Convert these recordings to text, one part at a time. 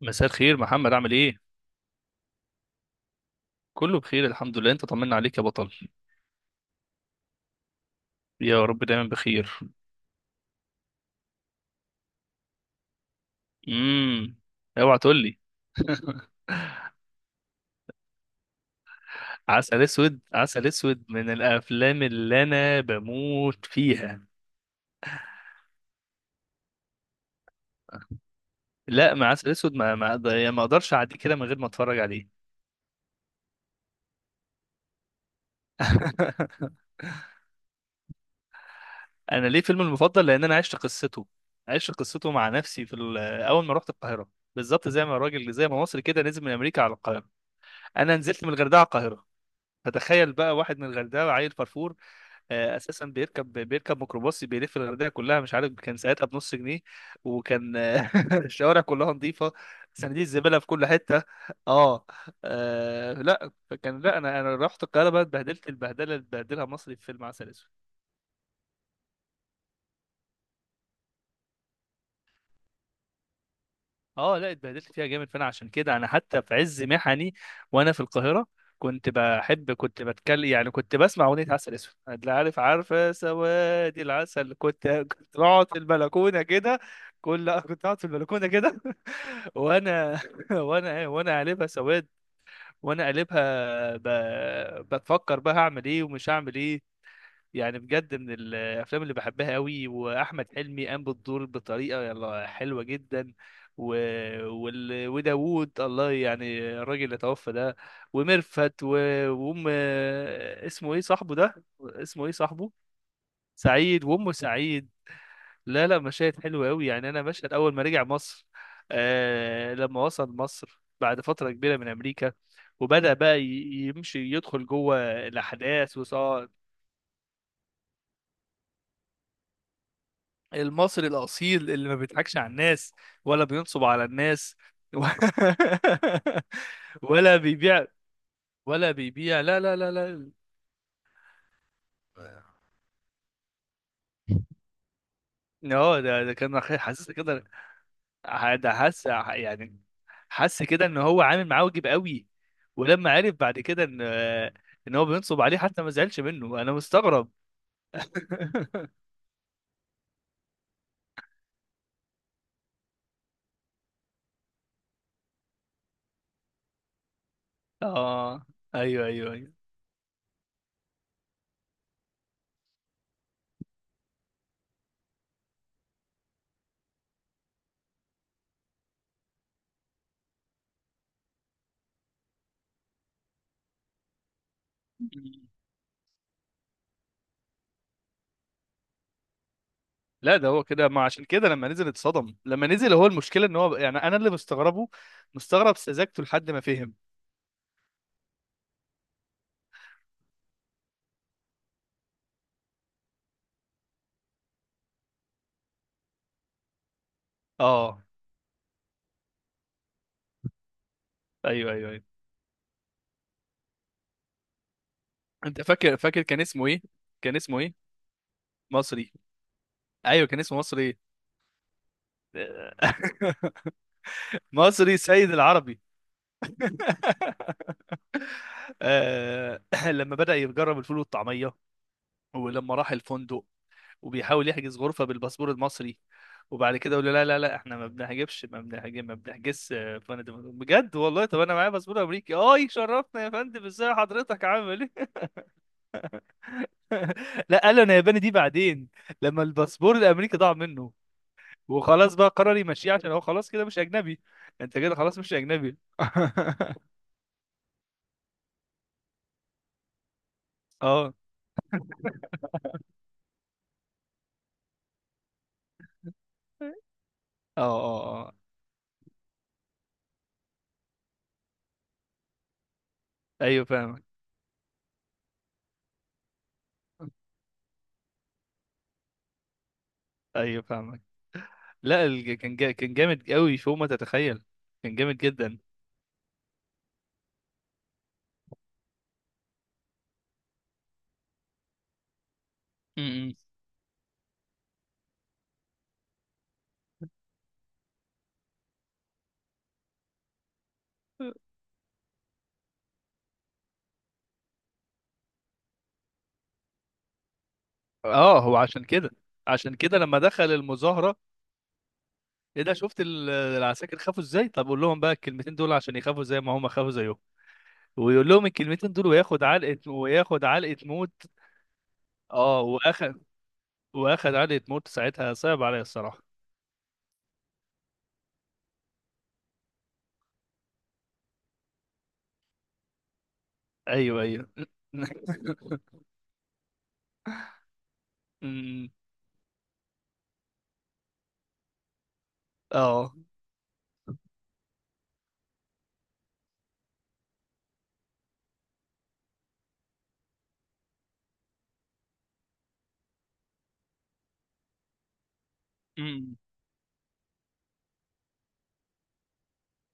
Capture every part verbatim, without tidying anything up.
مساء الخير محمد، عامل ايه؟ كله بخير الحمد لله، انت طمنا عليك يا بطل. يا رب دايما بخير. امم. اوعى تقول لي. عسل اسود، عسل اسود من الافلام اللي انا بموت فيها. لا، ما عسل اسود ما ما أقدر- يعني ما اقدرش اعدي كده من غير ما اتفرج عليه. انا ليه فيلم المفضل؟ لان انا عشت قصته. عشت قصته مع نفسي في ال- اول ما رحت القاهره. بالظبط زي ما الراجل زي ما مصري كده نزل من امريكا على القاهره. انا نزلت من الغردقه على القاهره. فتخيل بقى واحد من الغردقه عيل فرفور. آه، اساسا بيركب بيركب ميكروباص بيلف الغردقه كلها، مش عارف كان ساعتها بنص جنيه. وكان آه، الشوارع كلها نظيفه. صناديق الزباله في كل حته. اه. آه، لا، فكان لا، انا انا رحت القاهره بقى اتبهدلت البهدله اللي اتبهدلها مصري في فيلم عسل اسود. اه، لا، اتبهدلت فيها جامد، فانا عشان كده انا حتى في عز محني. وانا في القاهره. كنت بحب كنت بتكلم يعني كنت بسمع اغنيه عسل اسود، لا عارف عارفه سوادي العسل، كنت كنت بقعد في البلكونه كده. كل لأ، كنت قاعد في البلكونه كده. وانا. وانا إيه، وانا قلبها سواد. وانا قلبها ب... بفكر بقى هعمل ايه ومش هعمل ايه. يعني بجد من الافلام اللي بحبها قوي، واحمد حلمي قام بالدور بطريقه يلا حلوه جدا. و... وال... وداوود، الله يعني الراجل اللي توفى ده. وميرفت و... وام اسمه ايه صاحبه ده؟ اسمه ايه صاحبه؟ سعيد وامه سعيد. لا، لا، مشاهد حلوه قوي، يعني انا مشهد اول ما رجع مصر. آه لما وصل مصر بعد فتره كبيره من امريكا. وبدأ بقى ي- يمشي يدخل جوه. الأحداث. المصري الأصيل اللي ما بيضحكش على الناس. ولا بينصب على الناس. و- ولا بيبيع. ولا بيبيع، لا، لا، لا، لا. اه، ده ده كان أخي- حاسس كده. ح- ده حاسس يعني. حاسس كده ان هو عامل معاه واجب قوي. ولما عرف بعد كده ان ان هو بينصب عليه حتى ما زعلش منه، انا مستغرب. اه. ايوه، ايوه، ايوه. لا، ده هو كده ما عشان كده لما نزل اتصدم، لما نزل هو المشكله ان هو يعني انا اللي مستغربه. مستغرب سذاجته لحد ما فهم. اه، ايوه، ايوه، ايوه. انت فاكر، فاكر كان اسمه ايه؟ كان اسمه ايه؟ مصري. ايوه، كان اسمه مصري ايه. مصري سيد العربي. آه، لما بدأ يجرب الفول والطعمية. ولما راح الفندق. وبيحاول يحجز غرفة بالباسبور المصري. وبعد كده يقول له لا، لا، لا، احنا ما بنحجبش ما بنحجب ما بنحجزش يا فندم، بجد والله. طب انا معايا باسبور امريكي. اه شرفنا يا فندم، ازاي حضرتك عامل ايه؟ لا، قال له انا ياباني دي بعدين. لما الباسبور الامريكي ضاع منه. وخلاص بقى قرر يمشيه عشان هو خلاص كده مش اجنبي. انت كده خلاص مش اجنبي. اه اه. اه، اه. ايوه فاهمك. ايوه فاهمك. لا، الج- كان جا... كان جامد قوي فوق ما تتخيل. كان جامد جدا. م-م. اه، هو عشان كده. عشان كده لما دخل المظاهرة. ايه ده، شفت ال- العساكر خافوا ازاي؟ طب قول لهم بقى الكلمتين دول عشان يخافوا زي ما هم خافوا زيهم. ويقول لهم الكلمتين دول وياخد علقة وياخد علقة موت. اه واخد. واخد علقة موت ساعتها، صعب عليا الصراحة. ايوه، ايوه. أمم. اه. أمم.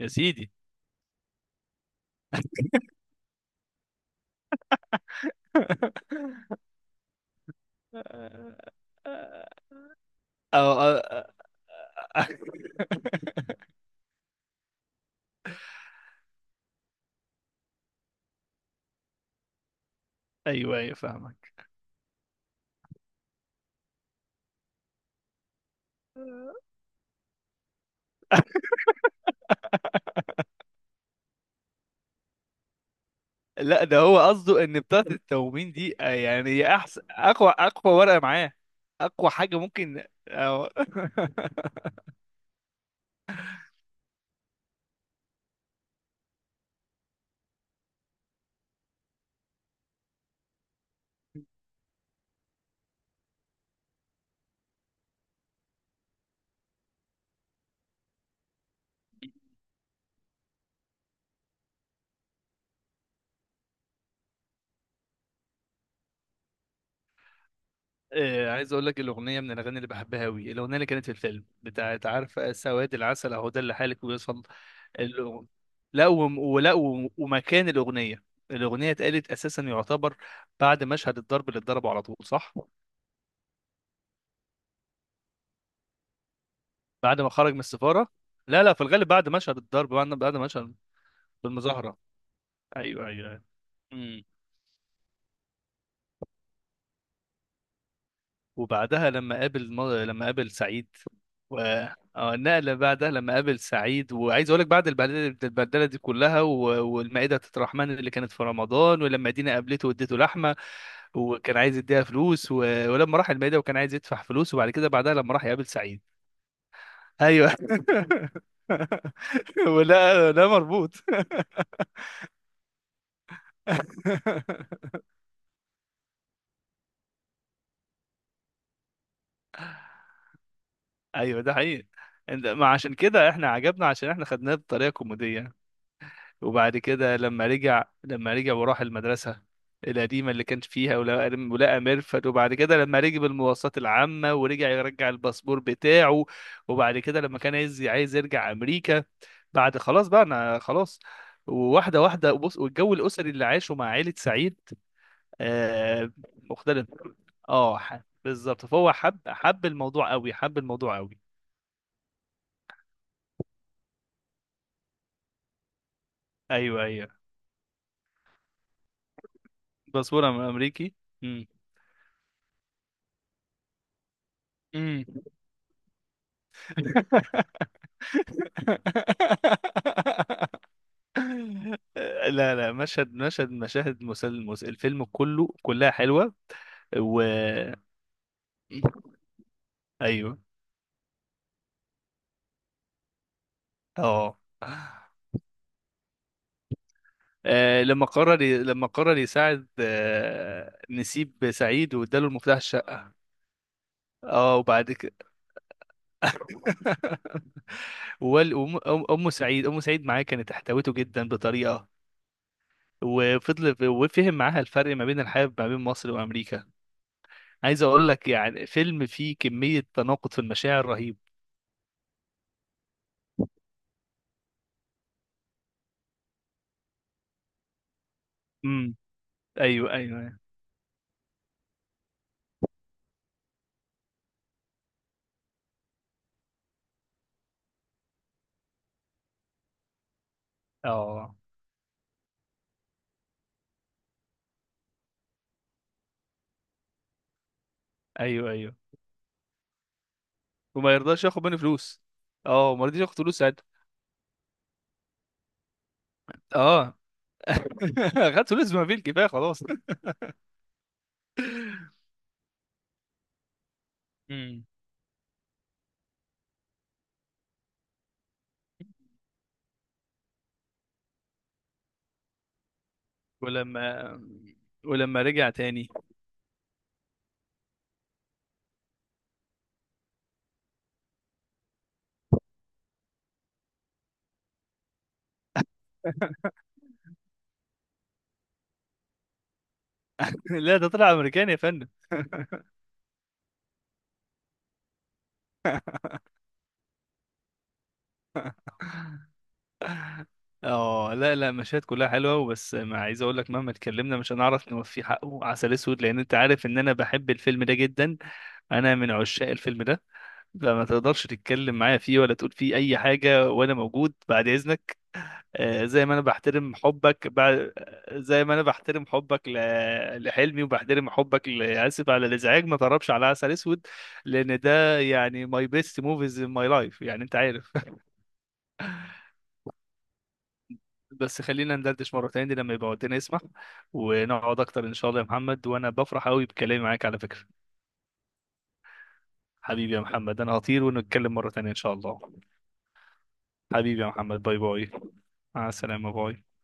يا سيدي. اه. آه، آه. ايوه، ايوه فاهمك. لا، ده هو قصده ان بتاعة التومين دي آه، يعني هي احسن، اقوى اقوى ورقة معاه. اقوى حاجة ممكن أو... آه، عايز اقول لك الاغنية من الاغاني اللي بحبها قوي، الاغنية اللي كانت في الفيلم بتاعت عارفة سواد العسل اهو ده اللي حالك ويوصل. الأغ- لا وم- ولا وم- ومكان الاغنية. الاغنية اتقالت اساسا يعتبر بعد مشهد الضرب اللي اتضربه على طول، صح. بعد ما خرج من السفارة. لا، لا، في الغالب بعد مشهد الضرب بعد بعد مشهد. بالمظاهرة. ايوه، ايوه. أيوة. وبعدها لما قابل مر- لما قابل سعيد. و... اه النقلة بعدها لما قابل سعيد، وعايز اقول لك بعد البهدله البهدله دي كلها و- والمائدة الرحمن اللي كانت في رمضان، ولما دينا قابلته واديته لحمة. وكان عايز يديها فلوس و... ولما راح المائدة وكان عايز يدفع فلوس، وبعد كده بعدها لما راح يقابل سعيد. ايوه. ولا، لا مربوط. ايوه، ده حقيقي. إنت- ما عشان كده احنا عجبنا عشان احنا خدناه بطريقة كوميدية. وبعد كده لما رجع لما رجع وراح المدرسة القديمة اللي كان فيها، ولقى ولقى مرفت، وبعد كده لما ركب المواصلات العامة ورجع يرجع الباسبور بتاعه. وبعد كده لما كان عايز عايز يرجع أمريكا. بعد خلاص بقى أنا خلاص. وواحدة واحدة بص، والجو الأسري اللي عاشه مع عائلة سعيد. آه. مختلف. اه، ح- بالظبط فهو حب حب الموضوع قوي، حب الموضوع قوي. ايوه، ايوه. باسبور امريكي. امم. امم. لا، لا، مشهد مشهد مشاهد مسل... مس- الفيلم كله كلها حلوة. و ايوه. اه. آه، لما قرر ي- لما قرر يساعد آه، نسيب سعيد واداله المفتاح الشقة. اه، وبعد كده. وال- وم- أم أم سعيد أم سعيد معاه كانت احتوته جدا بطريقة. وفضل وفهم معاها الفرق ما بين الحياة، ما بين مصر وأمريكا. عايز أقول لك يعني فيلم فيه كمية تناقض في المشاعر رهيب. ايوه، ايوه، أيوة. اه. ايوه، ايوه. وما يرضاش ياخد مني فلوس. اه، ما رضيش ياخد فلوس ساعتها. اه، خدت فلوس ما فيه الكفايه خلاص. امم. ولما ولما رجع تاني. لا، ده طلع امريكاني يا فندم. اه، لا، لا، مشاهد كلها حلوه، وبس ما عايز اقول لك مهما اتكلمنا مش هنعرف نوفي حقه عسل اسود، لان انت عارف ان انا بحب الفيلم ده جدا. انا من عشاق الفيلم ده. فما تقدرش تتكلم معايا فيه ولا تقول فيه اي حاجه وانا موجود، بعد اذنك. آه، زي ما انا بحترم حبك بع- زي ما انا بحترم حبك ل- لحلمي وبحترم حبك ل- اسف على الازعاج، ما تقربش على عسل اسود. لان ده يعني ماي بيست موفيز ان ماي لايف يعني انت عارف. بس خلينا ندردش مره تاني لما يبقى وقتنا يسمح. ونقعد اكتر ان شاء الله يا محمد، وانا بفرح قوي بكلامي معاك على فكره. حبيبي يا محمد، انا هطير ونتكلم مره تانيه ان شاء الله. حبيبي يا محمد، باي باي. مع السلامه باي.